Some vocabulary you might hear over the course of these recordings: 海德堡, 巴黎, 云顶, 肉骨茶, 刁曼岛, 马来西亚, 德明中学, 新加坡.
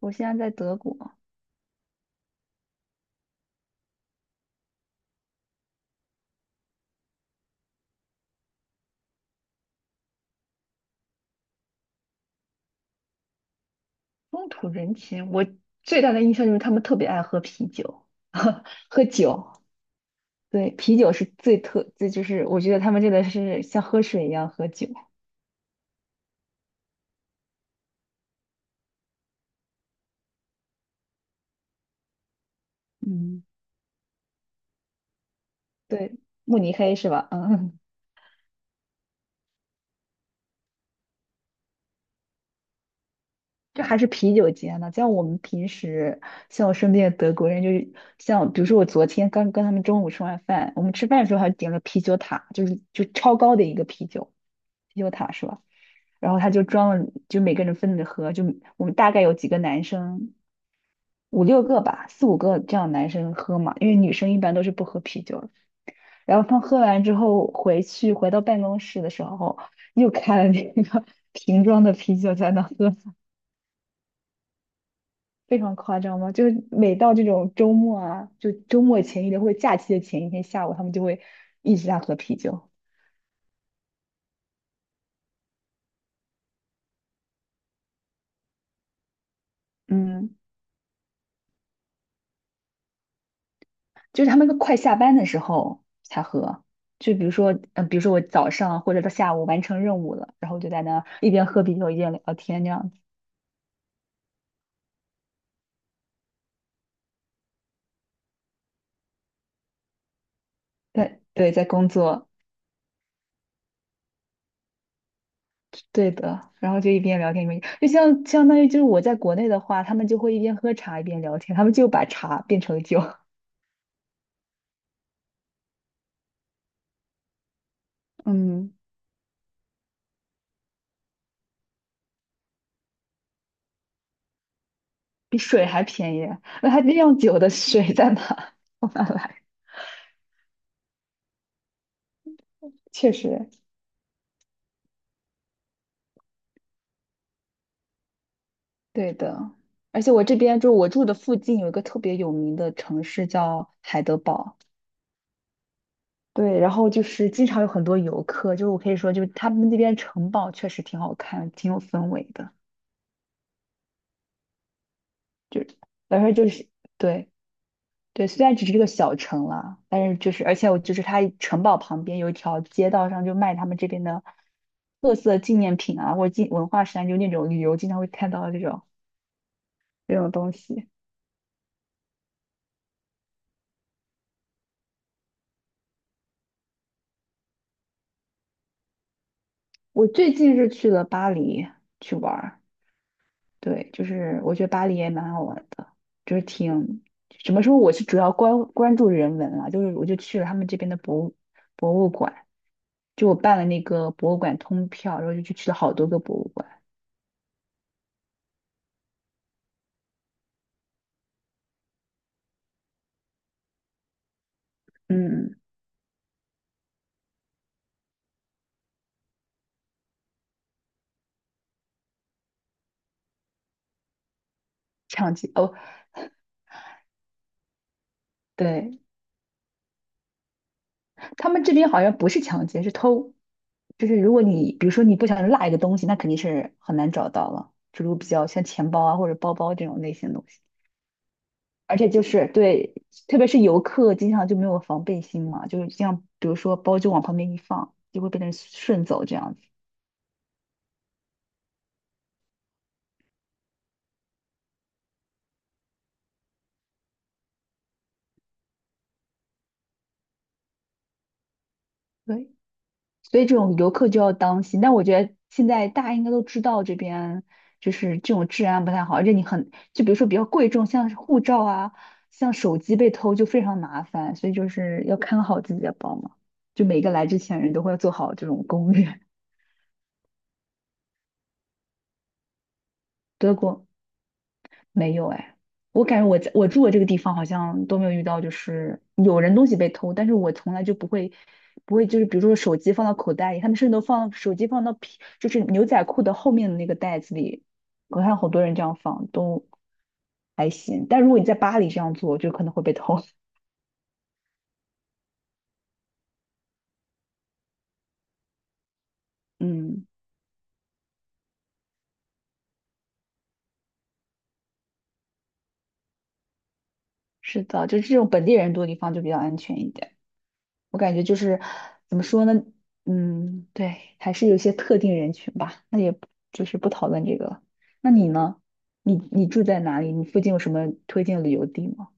我现在在德国，风土人情，我最大的印象就是他们特别爱喝啤酒，喝酒，对，啤酒是最特，这就是我觉得他们真的是像喝水一样喝酒。嗯，对，慕尼黑是吧？嗯，这还是啤酒节呢，像我们平时，像我身边的德国人，就是像比如说我昨天刚跟他们中午吃完饭，我们吃饭的时候还点了啤酒塔，就超高的一个啤酒，啤酒塔是吧？然后他就装了，就每个人分着喝，就我们大概有几个男生，五六个吧，四五个这样男生喝嘛，因为女生一般都是不喝啤酒的。然后他喝完之后回去，回到办公室的时候，又开了那个 瓶装的啤酒在那喝，非常夸张吗？就是每到这种周末啊，就周末前一天或者假期的前一天下午，他们就会一直在喝啤酒。嗯，就是他们快下班的时候才喝。就比如说，嗯、比如说我早上或者到下午完成任务了，然后就在那一边喝啤酒一边聊天这样子。对对，在工作，对的。然后就一边聊天一边，就像相当于就是我在国内的话，他们就会一边喝茶一边聊天，他们就把茶变成酒。嗯，比水还便宜，那它酿酒的水在哪？从哪来？确实，对的。而且我这边就我住的附近有一个特别有名的城市叫海德堡，对，然后就是经常有很多游客，就是我可以说，就是他们那边城堡确实挺好看，挺有氛围的，就而且就是对，对，虽然只是这个小城啦，但是就是，而且我就是它城堡旁边有一条街道上就卖他们这边的特色纪念品啊，或者纪文化衫，就那种旅游经常会看到的这种这种东西。我最近是去了巴黎去玩儿，对，就是我觉得巴黎也蛮好玩的，就是挺什么时候我是主要关注人文了，就是我就去了他们这边的博物馆，就我办了那个博物馆通票，然后就去了好多个博物馆，嗯，抢劫哦。对，他们这边好像不是抢劫，是偷。就是如果你比如说你不小心落一个东西，那肯定是很难找到了。就如果比较像钱包啊或者包包这种类型的东西，而且就是对，特别是游客经常就没有防备心嘛，就是这样，比如说包就往旁边一放，就会被人顺走这样子。对。所以这种游客就要当心。但我觉得现在大家应该都知道这边就是这种治安不太好，而且你很，就比如说比较贵重，像是护照啊，像手机被偷就非常麻烦，所以就是要看好自己的包嘛。就每个来之前人都会做好这种攻略。德国，没有哎，我感觉我在我住的这个地方好像都没有遇到，就是有人东西被偷，但是我从来就不会，不会就是比如说手机放到口袋里，他们甚至都放手机放到皮，就是牛仔裤的后面的那个袋子里，我看好多人这样放都还行，但如果你在巴黎这样做，就可能会被偷。嗯，是的，就是这种本地人多的地方就比较安全一点。我感觉就是怎么说呢，嗯，对，还是有一些特定人群吧。那也不就是不讨论这个了。那你呢？你你住在哪里？你附近有什么推荐旅游地吗？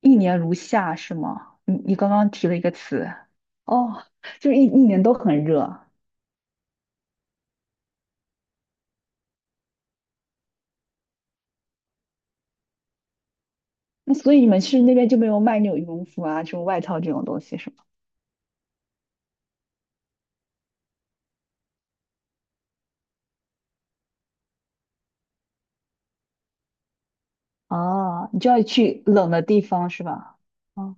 一年如夏是吗？你你刚刚提了一个词，哦，就是一年都很热。那所以你们去那边就没有卖那种羽绒服啊、这种外套这种东西是吗？哦，你就要去冷的地方是吧？哦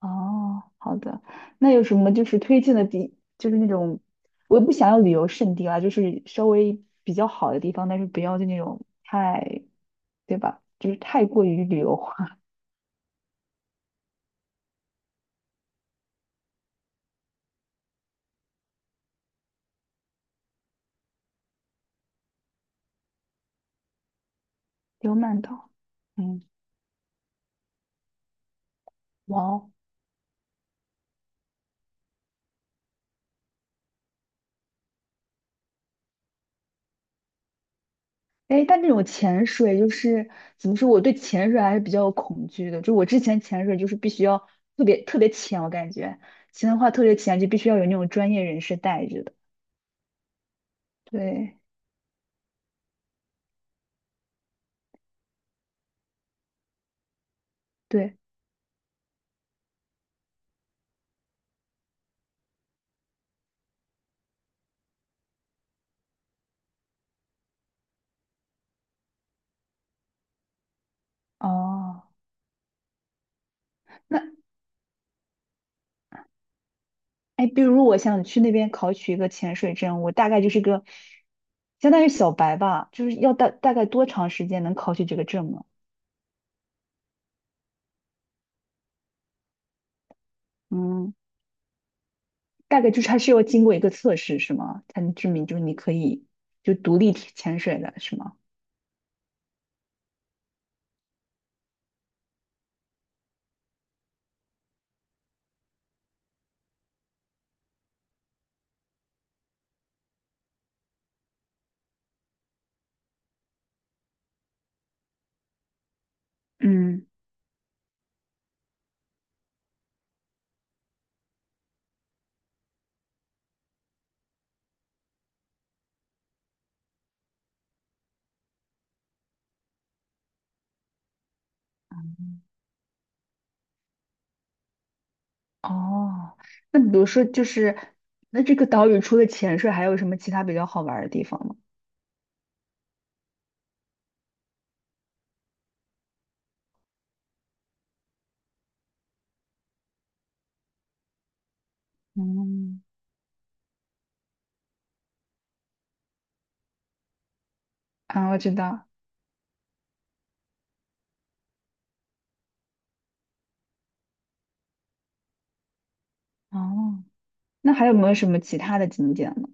哦，好的，那有什么就是推荐的地，就是那种我也不想要旅游胜地啦，就是稍微比较好的地方，但是不要就那种太，对吧？就是太过于旅游化。刁曼岛，嗯，哇哦，哎，但这种潜水就是怎么说，我对潜水还是比较有恐惧的。就我之前潜水就是必须要特别特别浅，我感觉潜的话特别浅就必须要有那种专业人士带着的。对对，哦。那哎，比如我想去那边考取一个潜水证，我大概就是个相当于小白吧，就是要大概多长时间能考取这个证呢？嗯，大概就是还是要经过一个测试是吗？才能证明就是你可以就独立体潜水的是吗？嗯，哦，那比如说就是那这个岛屿除了潜水还有什么其他比较好玩儿的地方吗？嗯，啊，我知道，哦，那还有没有什么其他的景点呢？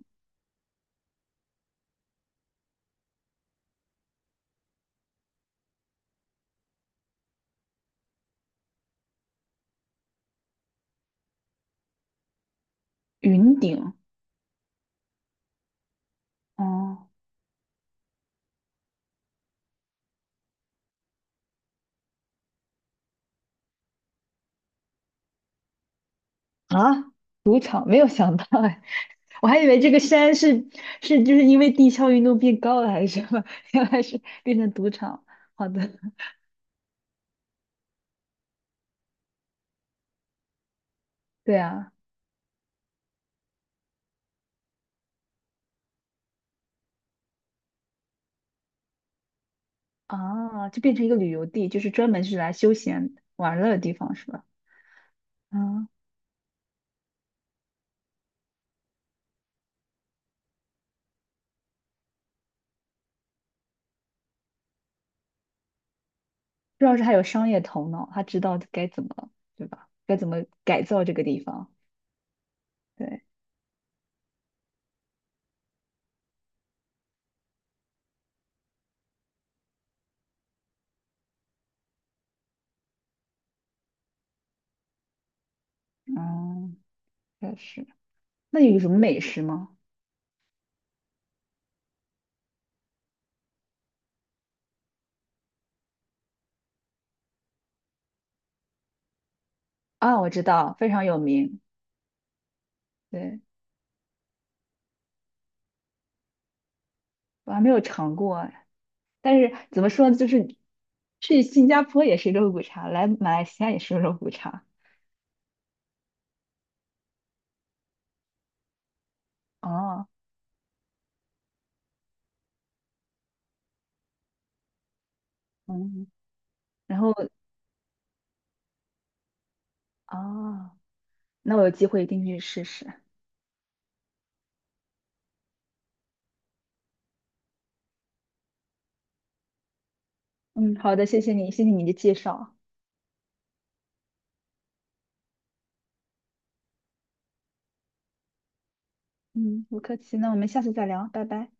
云顶，哦。啊，赌场没有想到哎，我还以为这个山是就是因为地壳运动变高了还是什么，原来是变成赌场。好的，对啊，啊，就变成一个旅游地，就是专门是来休闲玩乐的地方是吧？啊，主要是他有商业头脑，他知道该怎么，对吧？该怎么改造这个地方。对，嗯，确实。那有什么美食吗？啊，我知道，非常有名。对，我还没有尝过，但是怎么说呢，就是去新加坡也是肉骨茶，来马来西亚也是肉骨茶。哦，嗯然后啊，那我有机会一定去试试。嗯，好的，谢谢你，谢谢你的介绍。嗯，不客气，那我们下次再聊，拜拜。